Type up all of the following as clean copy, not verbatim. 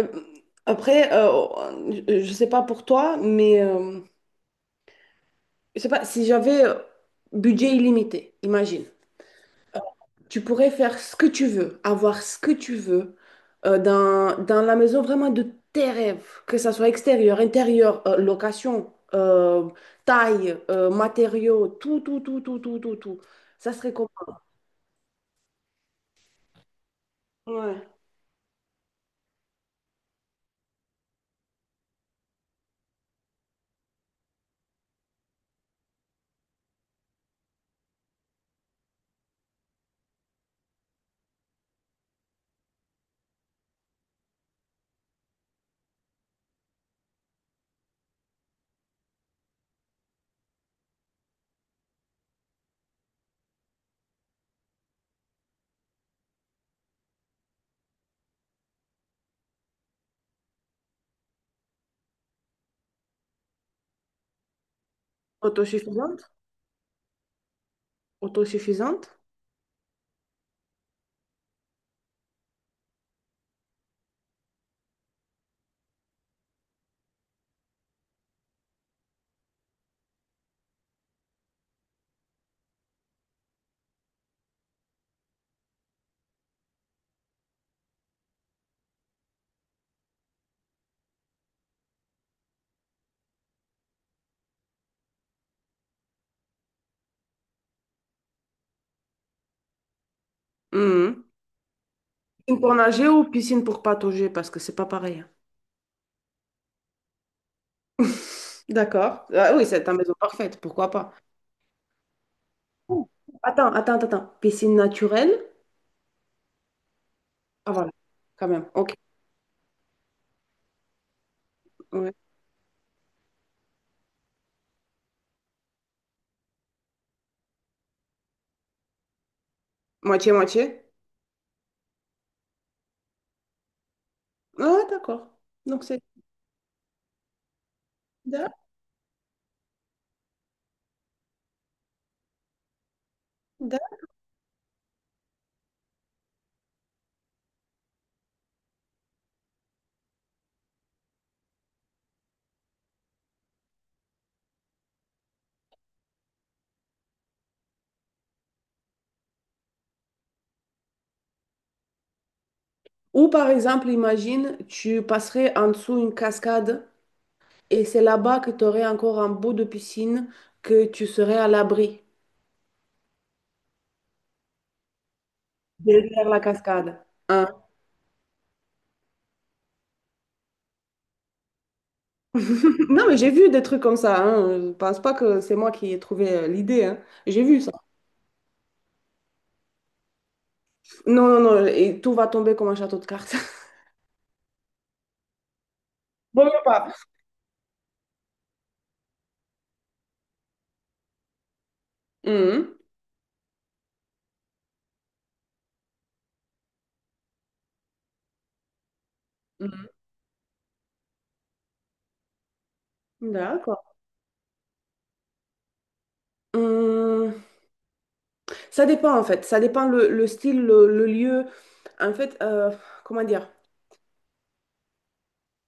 Euh, je sais pas pour toi, mais je sais pas, si j'avais budget illimité, imagine, tu pourrais faire ce que tu veux, avoir ce que tu veux dans la maison vraiment de tes rêves, que ça soit extérieur, intérieur, location, taille, matériaux, tout, tout, tout, tout, tout, tout, tout. Ça serait comment? Ouais. Autosuffisante? Autosuffisante? Mhm. Piscine pour nager ou piscine pour patauger, parce que c'est pas pareil. D'accord. Ah oui, c'est ta maison parfaite, pourquoi pas. Oh, attends, attends, attends. Piscine naturelle? Ah voilà, quand même. Ok. Ouais. Moitié, moitié. Ah d'accord. Donc c'est... Da- da- Ou par exemple, imagine, tu passerais en dessous une cascade et c'est là-bas que tu aurais encore un bout de piscine que tu serais à l'abri derrière la cascade. Hein. Non, mais j'ai vu des trucs comme ça. Hein. Je pense pas que c'est moi qui ai trouvé l'idée. Hein. J'ai vu ça. Non, non, non. Et tout va tomber comme un château de cartes. Bon, pas. Mhm. Mhm. D'accord. Hum, ça dépend en fait, ça dépend le style, le lieu. En fait, euh, Comment dire?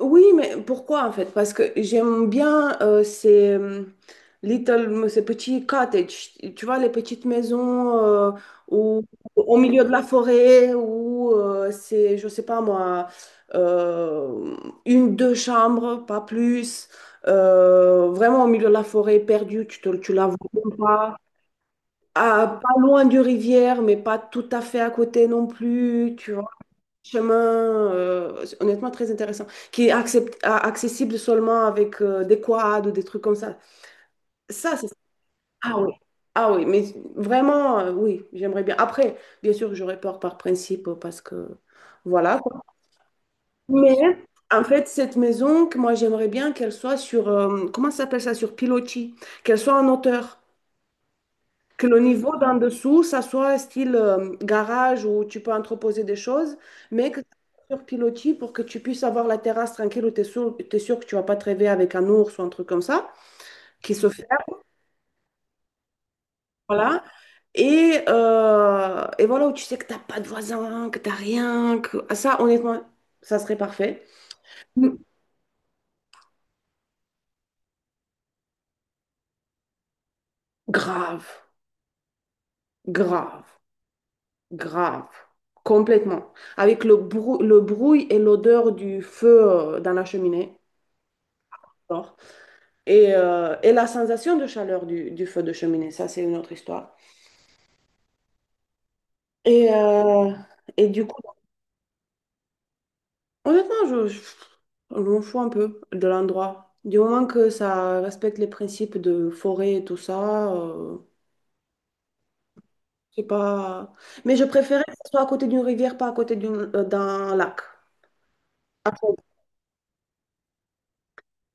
Oui, mais pourquoi en fait? Parce que j'aime bien ces little, ces petits cottages, tu vois, les petites maisons où- au milieu de la forêt où c'est, je sais pas moi, euh, une, deux chambres, pas plus, vraiment au milieu de la forêt, perdue, tu la vois même pas. Ah, pas loin du rivière, mais pas tout à fait à côté non plus, tu vois chemin, honnêtement très intéressant, qui est accessible seulement avec des quads ou des trucs comme ça. Ça, c'est... Ah oui. Ah oui, mais vraiment, oui, j'aimerais bien. Après, bien sûr, j'aurais peur par principe parce que, voilà. Quoi. Mais en fait, cette maison, que moi, j'aimerais bien qu'elle soit sur, comment ça s'appelle ça, sur pilotis, qu'elle soit en hauteur. Que le niveau d'en dessous, ça soit style garage où tu peux entreposer des choses, mais que ça soit sur pilotis pour que tu puisses avoir la terrasse tranquille où tu es sûr, t'es sûr que tu vas pas te réveiller avec un ours ou un truc comme ça, qui se ferme, voilà. Et voilà, où tu sais que t'as pas de voisin, que t'as rien, que... Ah, ça, honnêtement, ça serait parfait. Mm. Grave, grave, grave. Complètement. Avec le le bruit et l'odeur du feu dans la cheminée. J'adore. Et la sensation de chaleur du feu de cheminée, ça c'est une autre histoire. Et, euh, et du coup, honnêtement, je m'en fous un peu de l'endroit. Du moment que ça respecte les principes de forêt et tout ça, c'est pas... Mais je préférais que ce soit à côté d'une rivière, pas à côté d'une, d'un lac. Après,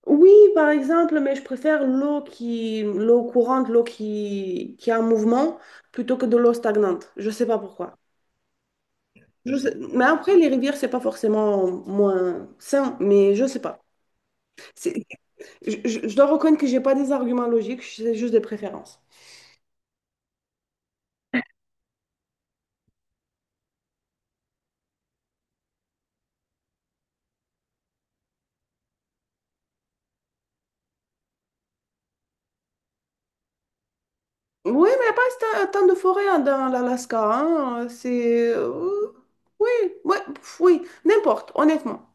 oui, par exemple, mais je préfère l'eau qui, l'eau courante, l'eau qui est en mouvement, plutôt que de l'eau stagnante. Je sais pas pourquoi. Mais après, les rivières, c'est pas forcément moins sain, mais je sais pas. C'est- je dois reconnaître que j'ai pas des arguments logiques, c'est juste des préférences. Oui, mais il n'y a pas tant tant de forêts hein, dans l'Alaska. Hein, c'est. Oui, ouais, pff, oui, n'importe, honnêtement.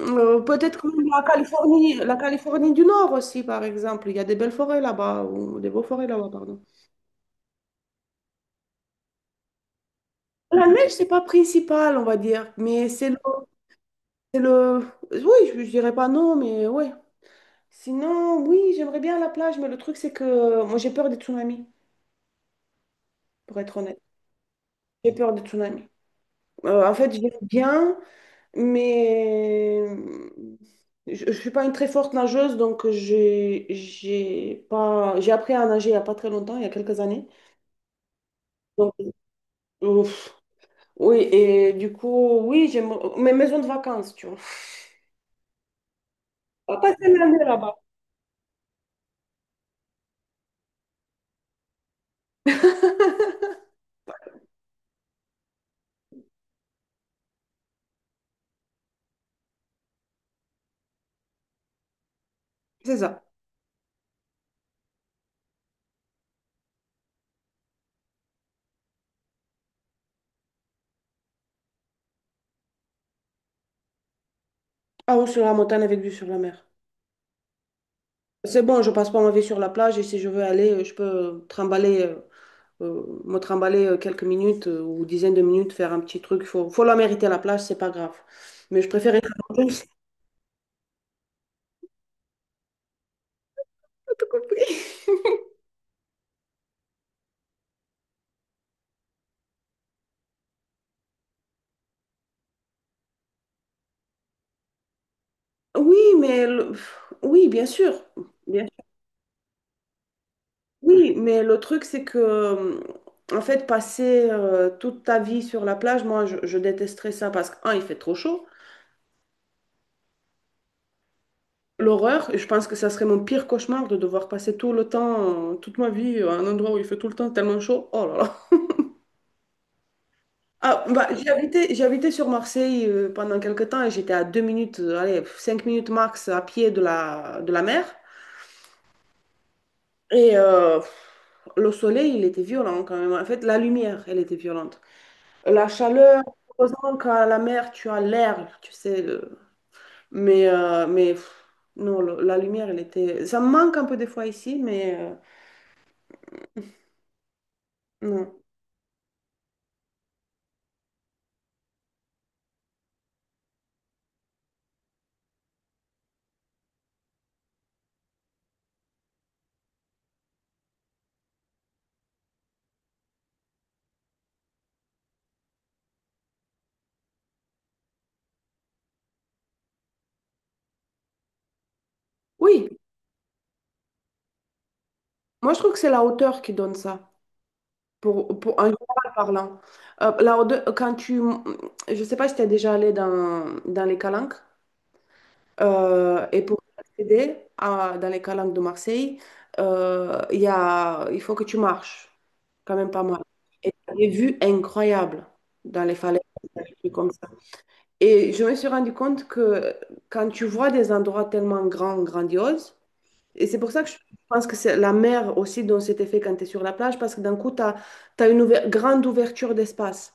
Peut-être que la Californie du Nord aussi, par exemple. Il y a des belles forêts là-bas, ou des beaux forêts là-bas, pardon. La neige, c'est pas principal, on va dire, c'est le, oui, je dirais pas non, mais oui, sinon, oui, j'aimerais bien la plage, mais le truc, c'est que moi, j'ai peur des tsunamis, pour être honnête. J'ai peur des tsunamis. En fait, j'aime bien, mais je ne suis pas une très forte nageuse, donc j'ai pas... j'ai appris à nager il n'y a pas très longtemps, il y a quelques années. Donc, ouf. Oui, et du coup, oui, j'aime mes maisons de vacances, tu vois. On va passer l'année là-bas. C'est ça. Ah, ou sur la montagne avec vue sur la mer. C'est bon, je passe pas ma vie sur la plage et si je veux aller, je peux me trimballer quelques minutes ou dizaines de minutes, faire un petit truc. Faut, faut la mériter, la plage, c'est pas grave. Mais je préfère être en douce. T'as compris? Oui, mais le- oui, bien sûr. Bien sûr. Oui, mais le truc, c'est que, en fait, passer toute ta vie sur la plage, moi, je détesterais ça parce que, un, il fait trop chaud. L'horreur, je pense que ça serait mon pire cauchemar de devoir passer tout le temps, toute ma vie à un endroit où il fait tout le temps tellement chaud. Oh là là. Ah, bah, j'ai habité sur Marseille pendant quelques temps et j'étais à deux minutes, allez, cinq minutes max à pied de la mer. Et le soleil, il était violent quand même. En fait, la lumière, elle était violente. La chaleur, heureusement qu'à la mer, tu as l'air, tu sais. Mais, non, la lumière, elle était... Ça me manque un peu des fois ici, mais non. Oui, moi je trouve que c'est la hauteur qui donne ça. Pour, en général parlant. Là, quand tu... Je sais pas si tu es déjà allé dans, dans les calanques. Et pour accéder à, dans les calanques de Marseille, il y a, il faut que tu marches quand même pas mal. Et t'as des vues incroyables dans les falaises, des trucs comme ça. Et je me suis rendu compte que quand tu vois des endroits tellement grands, grandioses, et c'est pour ça que je pense que c'est la mer aussi donne cet effet quand tu es sur la plage, parce que d'un coup, tu as, une grande ouverture d'espace.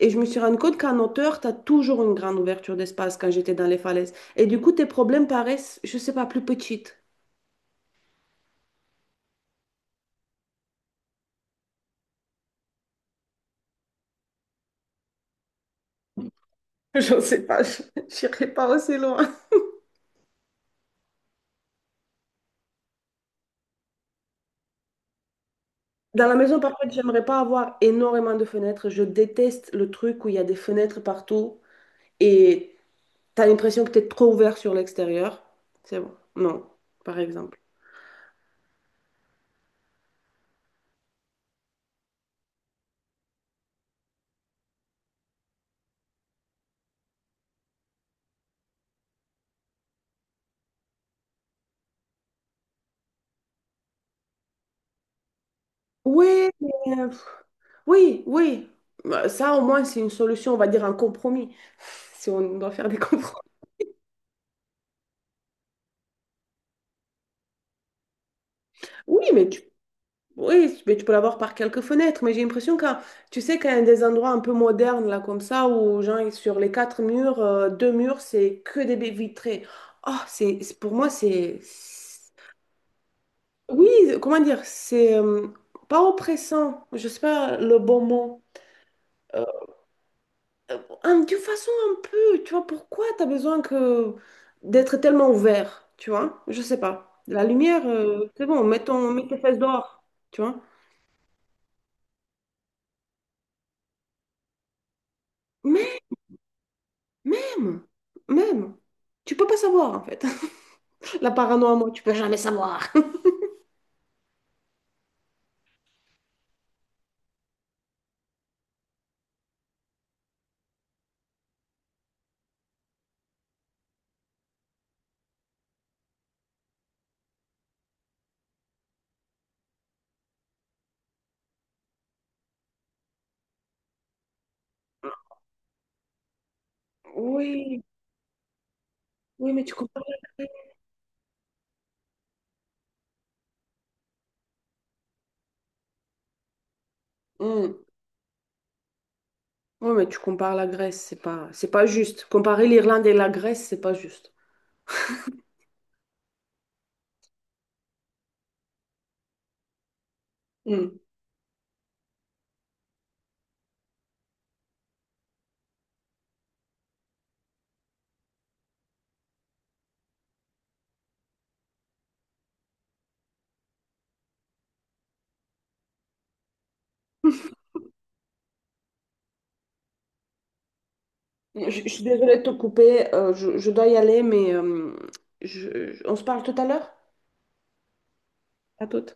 Et je me suis rendu compte qu'en hauteur, tu as toujours une grande ouverture d'espace quand j'étais dans les falaises. Et du coup, tes problèmes paraissent, je sais pas, plus petites. J'en sais pas, je n'irai pas aussi loin. Dans la maison, par contre, j'aimerais pas avoir énormément de fenêtres. Je déteste le truc où il y a des fenêtres partout et tu as l'impression que tu es trop ouvert sur l'extérieur. C'est bon. Non, par exemple. Oui, mais oui, oui. Bah, ça, au moins, c'est une solution, on va dire un compromis, si on doit faire des compromis. Oui, mais tu, oui, mais tu peux l'avoir par quelques fenêtres, mais j'ai l'impression que, tu sais, qu'il y a des endroits un peu modernes, là, comme ça, où, genre, sur les quatre murs, deux murs, c'est que des baies vitrées. Pour moi, c'est- Oui, comment dire, c'est pas oppressant, je sais pas le bon mot. euh, Euh, D'une façon un peu, tu vois, pourquoi tu as besoin que d'être tellement ouvert, tu vois? Je sais pas. La lumière, c'est bon, mets ton, mets tes fesses dehors, tu vois? Mais même, même, tu peux pas savoir en fait. La paranoïa, moi, tu peux jamais savoir. Oui, oui, mais tu compares. Hmm. Oui, mais tu compares la Grèce, c'est pas juste. Comparer l'Irlande et la Grèce, c'est pas juste. Hmm. Je suis désolée de te couper, euh, je dois y aller, mais on se parle tout à l'heure? À toutes.